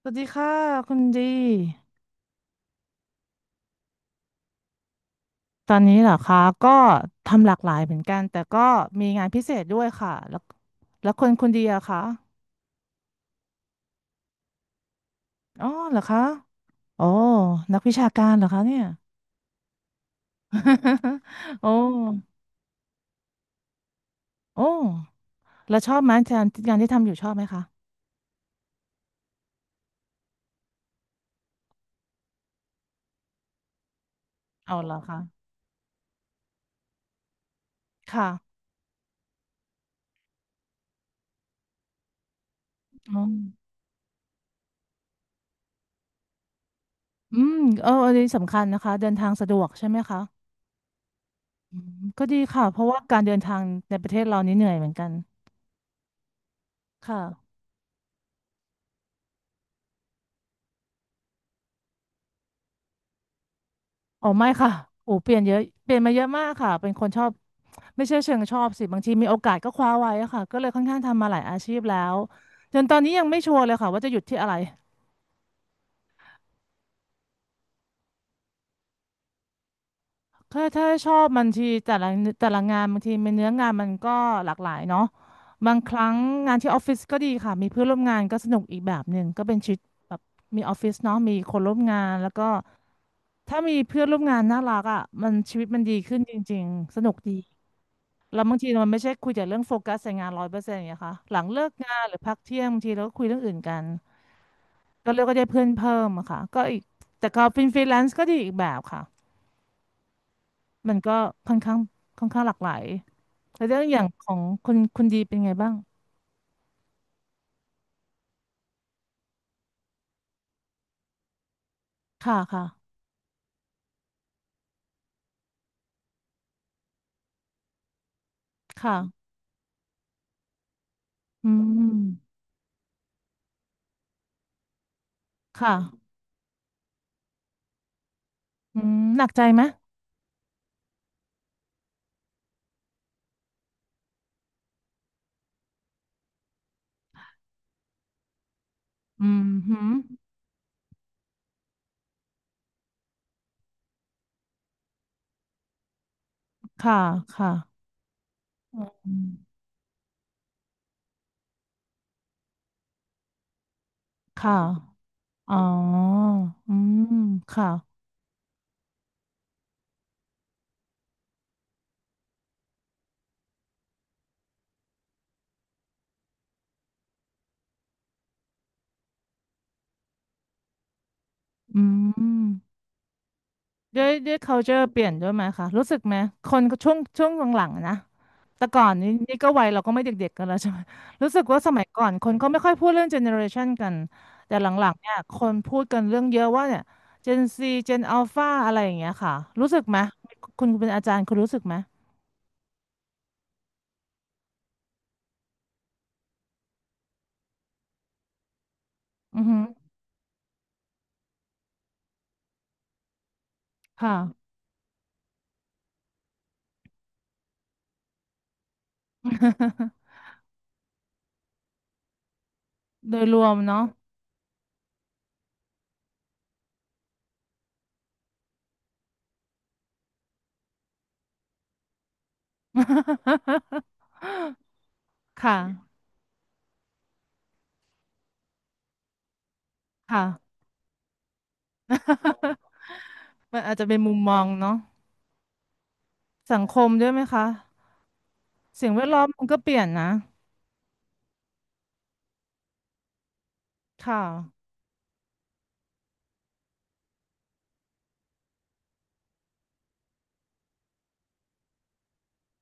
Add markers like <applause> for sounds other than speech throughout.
สวัสดีค่ะคุณดีตอนนี้เหรอคะก็ทำหลากหลายเหมือนกันแต่ก็มีงานพิเศษด้วยค่ะแล้วแล้วคนคุณดีอะคะอ๋อเหรอคะโอ้นักวิชาการเหรอคะเนี่ย <laughs> โอ้โอ้แล้วชอบไหมงานที่ทำอยู่ชอบไหมคะเอาเหรอคะค่ะอ๋ออืมเอออันนี้สำคัญนะคะเดินทางสะดวกใช่ไหมคะอืมก็ดีค่ะเพราะว่าการเดินทางในประเทศเรานี่เหนื่อยเหมือนกันค่ะ อ๋อไม่ค่ะโอ้เปลี่ยนเยอะเปลี่ยนมาเยอะมากค่ะเป็นคนชอบไม่ใช่เชิงชอบสิบางทีมีโอกาสก็คว้าไว้อะค่ะก็เลยค่อนข้างทำมาหลายอาชีพแล้วจนตอนนี้ยังไม่ชัวร์เลยค่ะว่าจะหยุดที่อะไรถ้าชอบบางทีแต่ละงานบางทีมันเนื้องานมันก็หลากหลายเนาะบางครั้งงานที่ออฟฟิศก็ดีค่ะมีเพื่อนร่วมงานก็สนุกอีกแบบหนึ่งก็เป็นชีวิตแบบมีออฟฟิศเนาะมีคนร่วมงานแล้วก็ถ้ามีเพื่อนร่วมงานน่ารักอ่ะมันชีวิตมันดีขึ้นจริงๆสนุกดี แล้วบางทีมันไม่ใช่คุยแต่เรื่องโฟกัสในงานร้อยเปอร์เซ็นต์อย่างเงี้ยค่ะหลังเลิกงานหรือพักเที่ยงบางทีเราก็คุยเรื่องอื่นกันก็เรียกว่าได้เพื่อนเพิ่มอะค่ะก็อีกแต่ก็เป็นฟรีแลนซ์ก็ดีอีกแบบค่ะมันก็ค่อนข้างหลากหลายแล้วเรื่องอย่างของคุณดีเป็นไงบ้างค่ะค่ะค่ะอืมค่ะอืมหนักใจไหมอืมหืมค่ะค่ะอืมค่ะอ๋ออืมค่ะอืม ด้วยculture เปลี่ยนด้วยไหมคะรู้สึกไหมคนช่วงหลังๆอะนะแต่ก่อนนี้นี่ก็วัยเราก็ไม่เด็กๆกันแล้วใช่ไหมรู้สึกว่าสมัยก่อนคนก็ไม่ค่อยพูดเรื่อง generation กันแต่หลังๆเนี่ยคนพูดกันเรื่องเยอะว่าเนี่ย Gen Z Gen Alpha อะไรอย่างเงี้ยค่ะรู้สึกไหมคุณเป็นอาจารย์คุณรู้สึกไหมอือฮึค่ะ <laughs> โดยรวมเนาะ <laughs> ค่ะค่ะ <laughs> มันอาจจะเป็นมุมมองเนาะสังคมด้วยไหมคะ สิ่งแวดล้อมมันก็เปลี่ยนนะค่ะ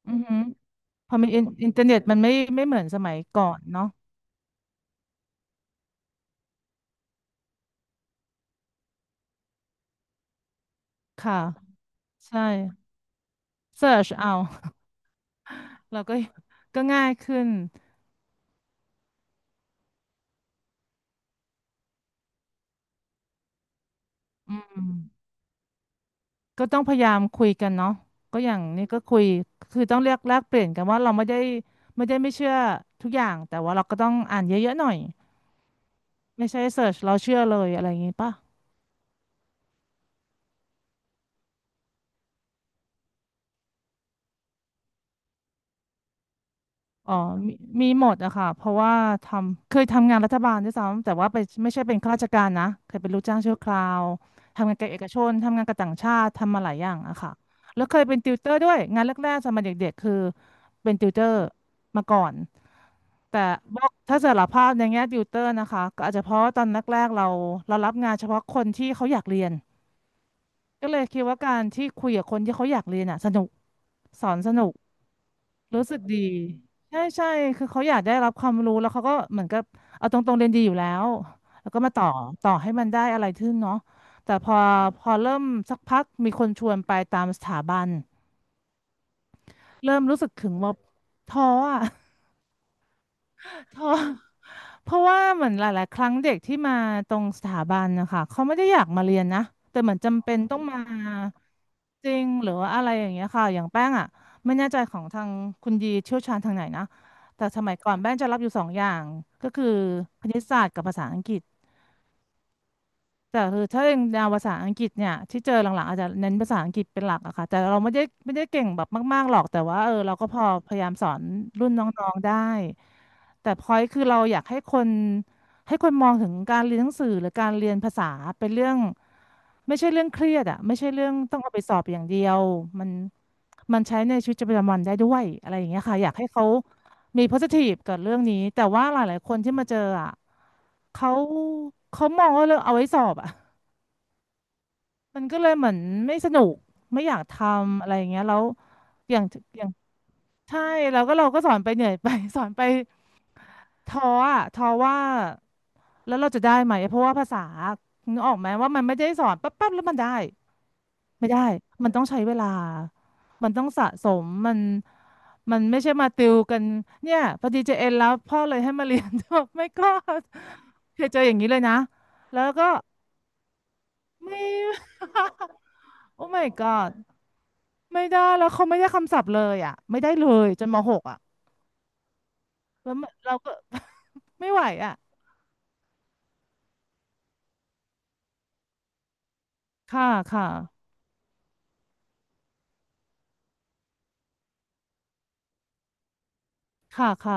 อือหือพอมีอินเทอร์เน็ตมันไม่เหมือนสมัยก่อนเนาะค่ะใช่เสิร์ชเอา <laughs> เรา <laughs> ก็ก็ง่ายขึ้นอืมก็ต้องพยายามคุยกันเนาะก็อย่างนี้ก็คุยคือต้องเรียกแลกเปลี่ยนกันว่าเราไม่ได้ไม่เชื่อทุกอย่างแต่ว่าเราก็ต้องอ่านเยอะๆหน่อยไม่ใช่เสิร์ชเราเชื่อเลยอะไรอย่างงี้ป่ะ อ๋อมีมีหมดอะค่ะเพราะว่าทำเคยทำงานรัฐบาลด้วยซ้ำแต่ว่าไปไม่ใช่เป็นข้าราชการนะเคยเป็นลูกจ้างชั่วคราวทำงานกับเอกชนทำงานกับต่างชาติทำมาหลายอย่างอะค่ะแล้วเคยเป็นติวเตอร์ด้วยงานแรกๆสมัยเด็กๆคือเป็นติวเตอร์มาก่อนแต่บอกถ้าสารภาพในแง่ติวเตอร์นะคะก็อาจจะเพราะว่าตอนแรกๆเรารับงานเฉพาะคนที่เขาอยากเรียนก็เลยคิดว่าการที่คุยกับคนที่เขาอยากเรียนอะสนุกสอนสนุก รู้สึกดีใช่ใช่คือเขาอยากได้รับความรู้แล้วเขาก็เหมือนกับเอาตรงๆเรียนดีอยู่แล้วแล้วก็มาต่อต่อให้มันได้อะไรขึ้นเนาะแต่พอเริ่มสักพักมีคนชวนไปตามสถาบันเริ่มรู้สึกถึงว่าท้ออ่ะ เพราะ <laughs> เพราะว่าเหมือนหลายๆ ครั้งเด็กที่มาตรงสถาบันนะคะเขาไม่ได้อยากมาเรียนนะแต่เหมือนจำเป็นต้องมาจริงหรือว่าอะไรอย่างเงี้ยค่ะอย่างแป้งอ่ะไม่แน่ใจของทางคุณยีเชี่ยวชาญทางไหนนะแต่สมัยก่อนแป้งจะรับอยู่สองอย่างก็คือคณิตศาสตร์กับภาษาอังกฤษ แต่คือถ้าเป็นแนวภาษาอังกฤษเนี่ยที่เจอหลังๆอาจจะเน้นภาษาอังกฤษเป็นหลักอะค่ะแต่เราไม่ได้เก่งแบบมากๆหรอกแต่ว่าเออเราก็พอพยายามสอนรุ่นน้องๆได้แต่พอยคือเราอยากให้คนให้คนมองถึงการเรียนหนังสือหรือการเรียนภาษาเป็นเรื่องไม่ใช่เรื่องเครียดอะไม่ใช่เรื่องต้องเอาไปสอบอย่างเดียวมันใช้ในชีวิตประจำวันได้ด้วยอะไรอย่างเงี้ยค่ะอยากให้เขา มี positive กับเรื่องนี้แต่ว่าหลายๆ คนที่มาเจออ่ะเขาเขามองว่าเรื่องเอาไว้สอบอ่ะมันก็เลยเหมือนไม่สนุกไม่อยากทำอะไรอย่างเงี้ยแล้วอย่างอย่างใช่แล้วก็เราก็สอนไปเหนื่อยไป <laughs> สอนไปท้ออ่ะท้อว่าแล้วเราจะได้ไหมเพราะว่าภาษานึกออกไหมว่ามันไม่ได้สอนปั๊บๆ แล้วมันได้ ไม่ได้ มันต้องใช้เวลา มันต้องสะสมมันมันไม่ใช่มาติวกัน เนี่ยพอดีเจเอ็นแล้วพ่อเลยให้มาเรียน <laughs> แบบไม่ก็เคยเจออย่างนี้เลยนะ แล้วก็ไม่ <laughs> โอ้ my god ไม่ได้ แล้วเขาไม่ได้คำศัพท์เลยอ่ะไม่ได้เลยจนมหกอ่ะแล้วมันเราก็ <laughs> ไม่ไหวอ่ะค่ะค่ะค่ะค่ะ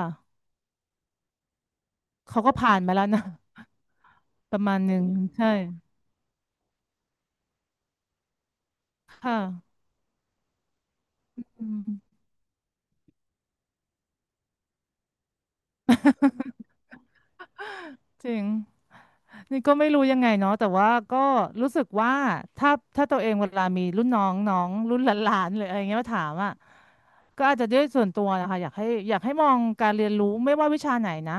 เขาก็ผ่านมาแล้วนะ <laughs> ประมาณหนึ่ง ใช่ค่ะอืม <laughs> จริง นี่ก็ไม่รู้ยังไงเนาะแต่ว่าก็รู้สึกว่าถ้าถ้าตัวเองเวลามีรุ่นน้องน้องรุ่นหลานๆหรืออะไรเงี้ยมาถามอ่ะก็อาจจะด้วยส่วนตัวนะคะอยากให้มองการเรียนรู้ไม่ว่าวิชาไหนนะ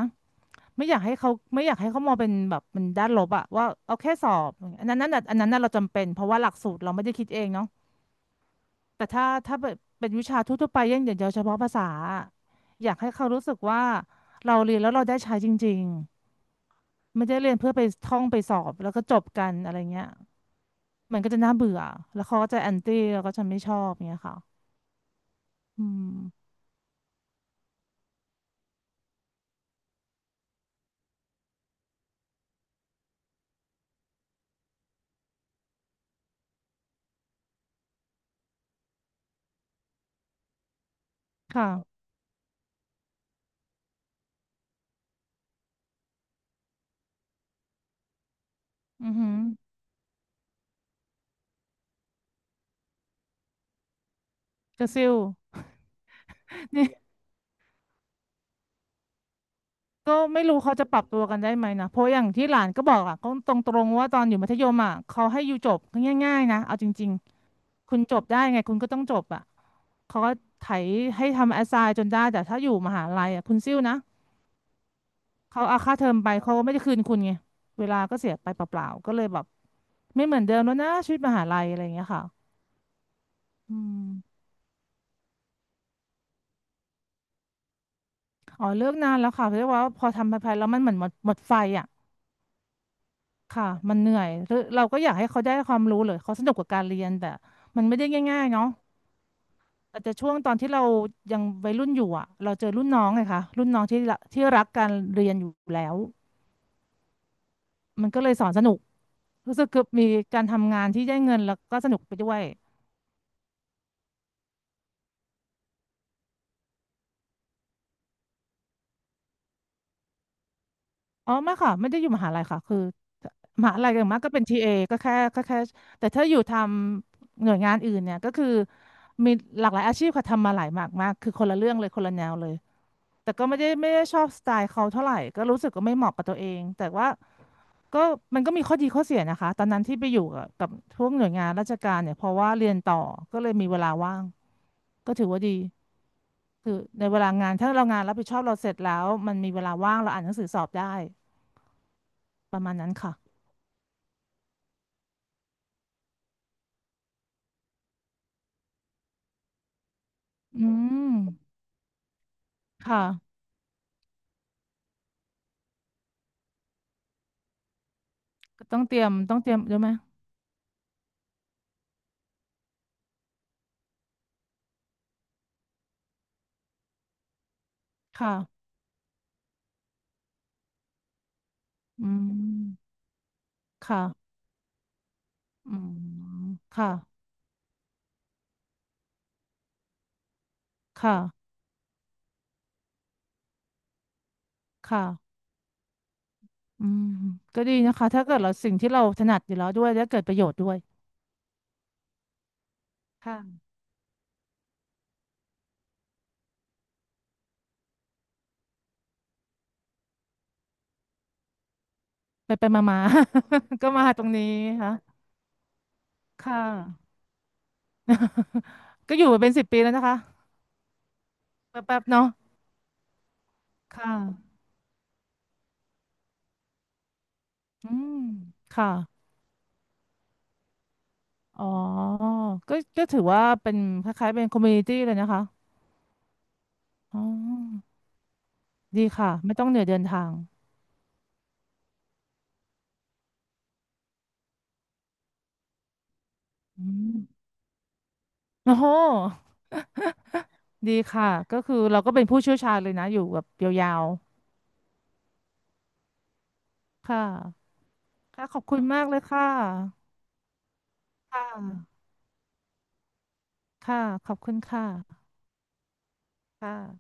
ไม่อยากให้เขาไม่อยากให้เขามองเป็นแบบเป็นด้านลบอะว่าเอาแค่สอบอันนั้นนั่นน่ะอันนั้นน่ะเราจำเป็นเพราะว่าหลักสูตรเราไม่ได้คิดเองเนาะแต่ถ้าเป็นวิชาทั่วๆไปอย่างเดียวเฉพาะภาษาอะอยากให้เขารู้สึกว่าเราเรียนแล้วเราได้ใช้จริง ไม่ได้เรียนเพื่อไปท่องไปสอบแล้วก็จบกันอะไรเงี้ยมันก็จะน่าเบื่อแล้วเขาก็จะแอนตี้แล้วก็จะไม่ชอบเงี้ยค่ะอืมค่ะอือหือกระซิว <laughs> นี่ก็ไม่รู้เขาจะปรับตัวกันได้ไหมนะเพราะอย่างที่หลานก็บอกอ่ะก็ตรงๆว่าตอนอยู่มัธยมอ่ะเขาให้อยู่จบง่ายๆนะเอาจริงๆคุณจบได้ไงคุณก็ต้องจบอ่ะเขาก็ไถให้ทำแอสไซน์จนได้แต่ถ้าอยู่มหาลัยอ่ะคุณซิ่วนะ เขาเอาค่าเทอมไปเขาไม่ได้คืนคุณไงเวลาก็เสียไปเปล่าๆก็เลยแบบไม่เหมือนเดิมแล้วนะชีวิตมหาลัยอะไรอย่างเงี้ยค่ะอืมอ๋อเลิกนานแล้วค่ะเพราะว่าพอทำไปๆแล้วมันเหมือนหมดไฟอ่ะค่ะมันเหนื่อยหรือเราก็อยากให้เขาได้ความรู้หรือเขาสนุกกับการเรียนแต่มันไม่ได้ง่ายๆเนาะอาจจะช่วงตอนที่เรายังวัยรุ่นอยู่อ่ะเราเจอรุ่นน้องไงคะรุ่นน้องที่ละที่รักการเรียนอยู่แล้วมันก็เลยสอนสนุกรู้สึกคือมีการทำงานที่ได้เงินแล้วก็สนุกไปด้วย อ๋อไม่ค่ะไม่ได้อยู่มหาลัยค่ะคือมหาลัยอย่างมากก็เป็นทีเอก็แค่แต่ถ้าอยู่ทำหน่วยงานอื่นเนี่ยก็คือมีหลากหลายอาชีพค่ะทำมาหลายมากมากคือคนละเรื่องเลยคนละแนวเลยแต่ก็ไม่ได้ชอบสไตล์เขาเท่าไหร่ก็รู้สึกก็ไม่เหมาะกับตัวเองแต่ว่าก็มันก็มีข้อดีข้อเสียนะคะตอนนั้นที่ไปอยู่กับพวกหน่วยงานราชการเนี่ยเพราะว่าเรียนต่อก็เลยมีเวลาว่างก็ถือว่าดีคือในเวลางานถ้าเรางานรับผิดชอบเราเสร็จแล้วมันมีเวลาว่างเราอ่านหนังสือสอบได้ประมาณนั้นค่ะ อืมค่ะก็ต้องเตรียมต้องเตรียมใช่ไหม ค่ะ อืมค่ะอืมค่ะค่ะ ค่ะ อืมก็ดีนะคะ ถ้าเกิดเราสิ่งที่เราถนัดอยู่แล้วด้วยและเกิดประโยชน์ด้วย ค่ะ ไปไปมามาๆ <laughs> ก็มาตรงนี้ค่ะ ค่ะก็อยู่มาเป็น10 ปีแล้วนะคะแป๊บๆเนาะค่ะ อืมค่ะ อ๋อก็ถือว่าเป็นคล้ายๆเป็นคอมมูนิตี้เลยนะคะอ๋อดีค่ะไม่ต้องเหนื่อยเดินทาง อืมโอ้โหดีค่ะก็คือเราก็เป็นผู้เชี่ยวชาญเลยนะอยู่แบบยาวๆค่ะค่ะขอบคุณมากเลยค่ะค่ะค่ะขอบคุณค่ะค่ะ